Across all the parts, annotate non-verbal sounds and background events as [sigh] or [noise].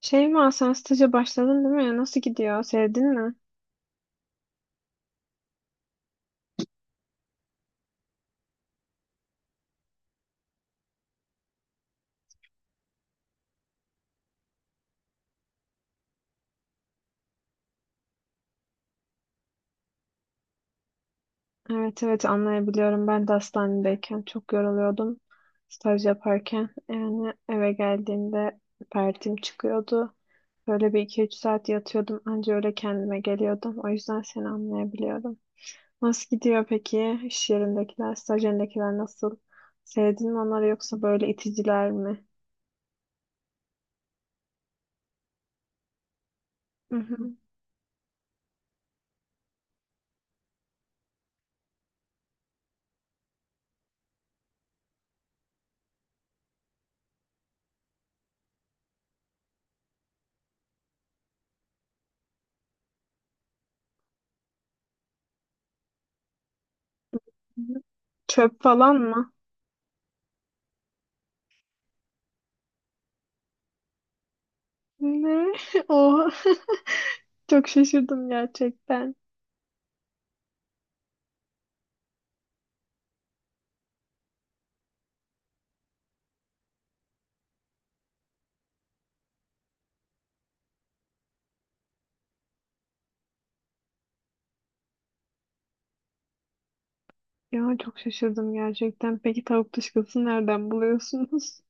Şeyma sen staja başladın değil mi? Nasıl gidiyor? Sevdin mi? Evet evet anlayabiliyorum. Ben de hastanedeyken çok yoruluyordum staj yaparken. Yani eve geldiğimde pertim çıkıyordu. Böyle bir iki üç saat yatıyordum. Anca öyle kendime geliyordum. O yüzden seni anlayabiliyorum. Nasıl gidiyor peki? İş yerindekiler, staj yerindekiler nasıl? Sevdin mi onları yoksa böyle iticiler mi? Hı hı. Hı hı. Çöp falan mı? Ne? [laughs] Oha. [laughs] Çok şaşırdım gerçekten. Ya çok şaşırdım gerçekten. Peki tavuk dışkısını nereden buluyorsunuz?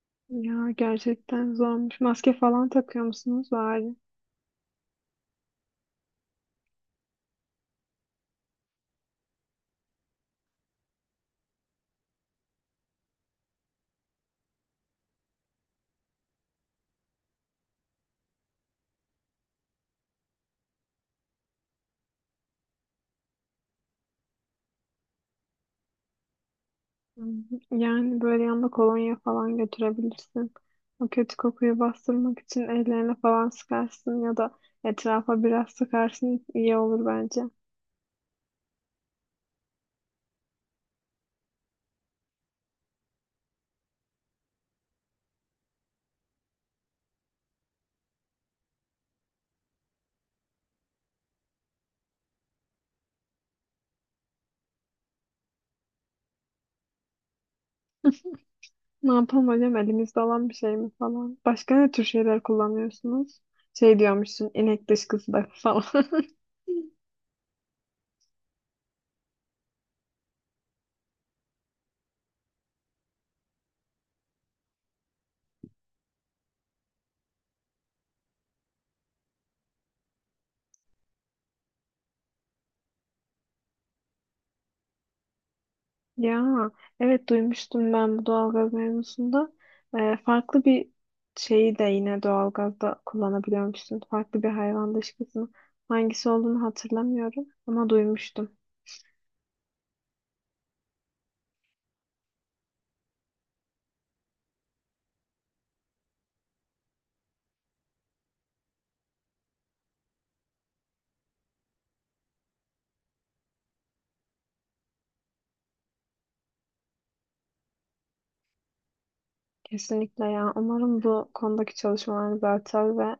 [laughs] Ya gerçekten zormuş. Maske falan takıyor musunuz bari? Hı hı. Yani böyle yanında kolonya falan götürebilirsin. O kötü kokuyu bastırmak için ellerine falan sıkarsın ya da etrafa biraz sıkarsın iyi olur bence. Ne yapalım hocam elimizde olan bir şey mi falan. Başka ne tür şeyler kullanıyorsunuz? Şey diyormuşsun inek dışkısı da falan. [laughs] Ya evet duymuştum ben bu doğalgaz mevzusunda. Farklı bir şeyi de yine doğalgazda kullanabiliyormuşsun. Farklı bir hayvan dışkısını. Hangisi olduğunu hatırlamıyorum ama duymuştum. Kesinlikle ya. Umarım bu konudaki çalışmalarınız artar ve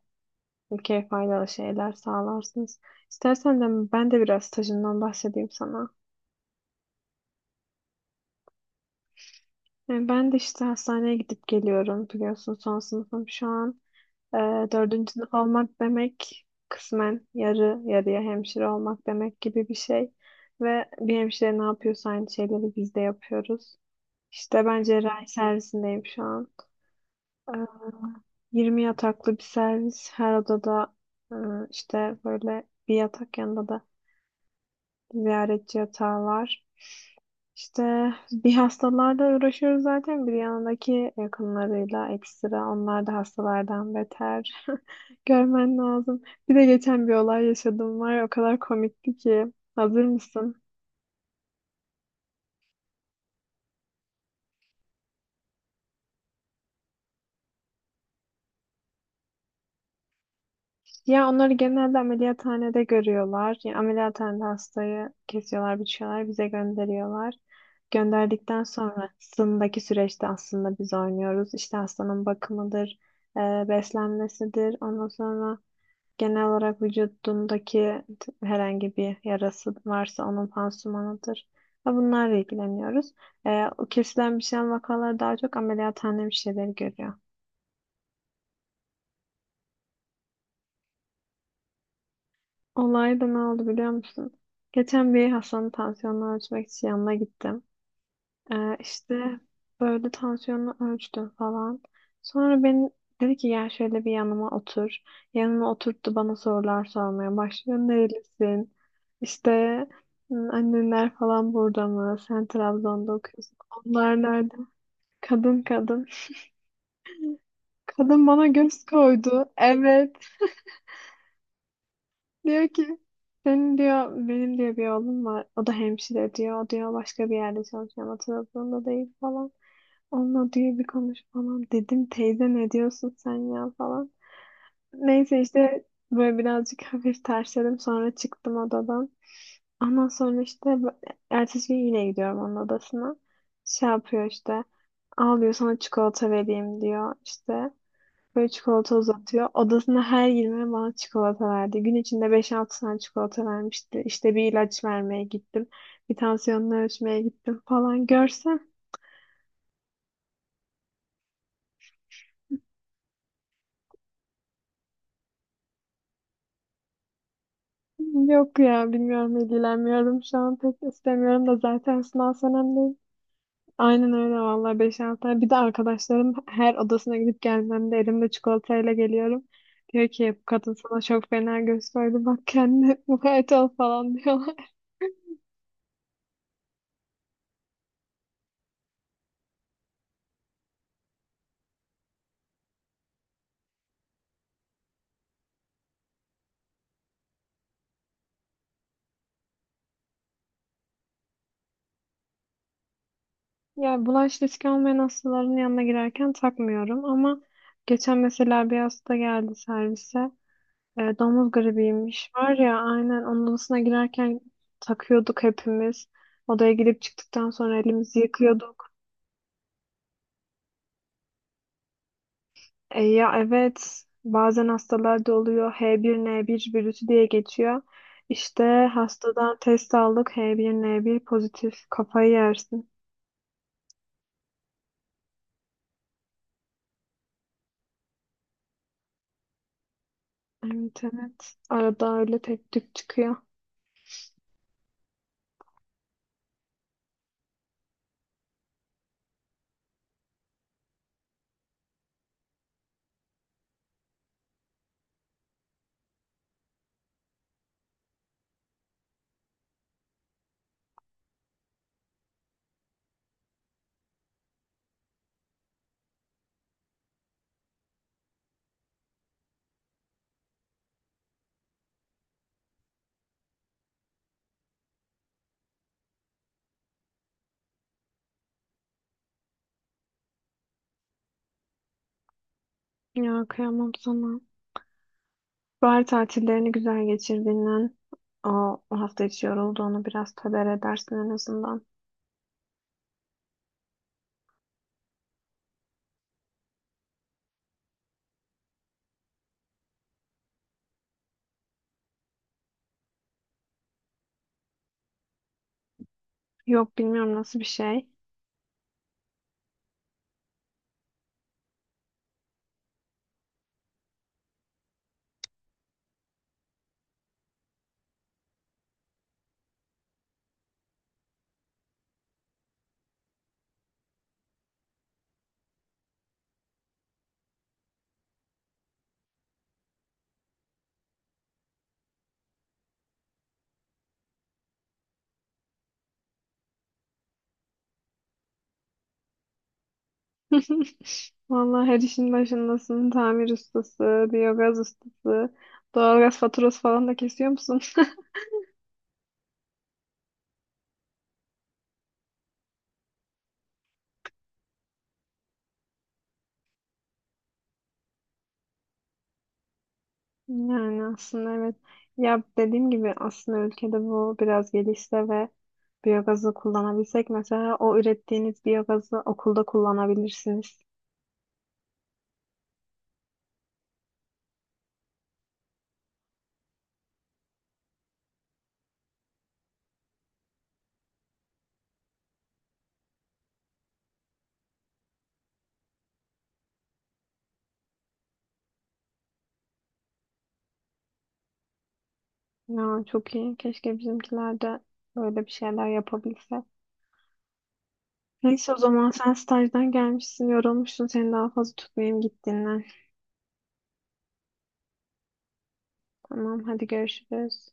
ülkeye faydalı şeyler sağlarsınız. İstersen de ben de biraz stajımdan bahsedeyim sana. Yani ben de işte hastaneye gidip geliyorum biliyorsun son sınıfım şu an. Ee, Dördüncü sınıf olmak demek kısmen yarı yarıya hemşire olmak demek gibi bir şey. Ve bir hemşire ne yapıyorsa aynı şeyleri biz de yapıyoruz. İşte ben cerrahi servisindeyim şu an. Ee, 20 yataklı bir servis. Her odada e, işte böyle bir yatak yanında da ziyaretçi yatağı var. İşte bir hastalarla uğraşıyoruz zaten bir yanındaki yakınlarıyla ekstra. Onlar da hastalardan beter. [laughs] Görmen lazım. Bir de geçen bir olay yaşadım var ya, o kadar komikti ki. Hazır mısın? Ya onları genelde ameliyathanede görüyorlar. Yani ameliyathanede hastayı kesiyorlar, biçiyorlar, bize gönderiyorlar. Gönderdikten sonrasındaki süreçte aslında biz oynuyoruz. İşte hastanın bakımıdır, e, beslenmesidir. Ondan sonra genel olarak vücudundaki herhangi bir yarası varsa onun pansumanıdır. Ve bunlarla ilgileniyoruz. O kesilen bir şeyin vakaları daha çok ameliyathane bir şeyleri görüyor. Olay da ne oldu biliyor musun? Geçen bir Hasan'ın tansiyonunu ölçmek için yanına gittim. İşte böyle tansiyonunu ölçtüm falan. Sonra beni dedi ki gel şöyle bir yanıma otur. Yanıma oturttu bana sorular sormaya başlıyor. Nerelisin? İşte "Hı, annenler falan burada mı? Sen Trabzon'da okuyorsun. Onlar nerede? Kadın kadın. Kadın bana göz koydu. Evet. Diyor ki senin diyor benim diyor bir oğlum var. O da hemşire diyor. O diyor başka bir yerde çalışıyor ama Trabzon'da değil falan. Onunla diyor bir konuş falan. Dedim teyze ne diyorsun sen ya falan. Neyse işte böyle birazcık [laughs] hafif tersledim. Sonra çıktım odadan. Ondan sonra işte ertesi gün yine gidiyorum onun odasına. Şey yapıyor işte. Al diyor sana çikolata vereyim diyor işte. Böyle çikolata uzatıyor. Odasına her girmeye bana çikolata verdi. Gün içinde 5-6 tane çikolata vermişti. İşte bir ilaç vermeye gittim. Bir tansiyonunu ölçmeye gittim falan. Görsem yok ya bilmiyorum ilgilenmiyorum şu an pek istemiyorum da zaten sınav senemdeyim. Aynen öyle vallahi 5-6 tane. Bir de arkadaşlarım her odasına gidip gelmemde elimde çikolatayla geliyorum. Diyor ki bu kadın sana çok fena göz koydu bak kendine [laughs] mukayyet ol falan diyor. Yani bulaş riski olmayan hastaların yanına girerken takmıyorum ama geçen mesela bir hasta geldi servise. Domuz gribiymiş. Var ya aynen onun odasına girerken takıyorduk hepimiz. Odaya girip çıktıktan sonra elimizi yıkıyorduk. Ya evet bazen hastalarda oluyor H1N1 virüsü diye geçiyor. İşte hastadan test aldık H1N1 pozitif kafayı yersin. Evet evet arada öyle tek tük çıkıyor. Ya kıyamam sana. Bahar tatillerini güzel geçirdiğinden o, o hafta içi yorulduğunu biraz töber edersin en azından. Yok bilmiyorum nasıl bir şey. [laughs] Vallahi her işin başındasın. Tamir ustası, biyogaz ustası, doğalgaz faturası falan da kesiyor musun? [laughs] Yani aslında evet. Ya dediğim gibi aslında ülkede bu biraz gelişse ve biyogazı kullanabilsek mesela o ürettiğiniz biyogazı okulda kullanabilirsiniz. Ya çok iyi. Keşke bizimkiler de böyle bir şeyler yapabilse. Neyse o zaman sen stajdan gelmişsin, yorulmuşsun. Seni daha fazla tutmayayım git dinlen. Tamam hadi görüşürüz.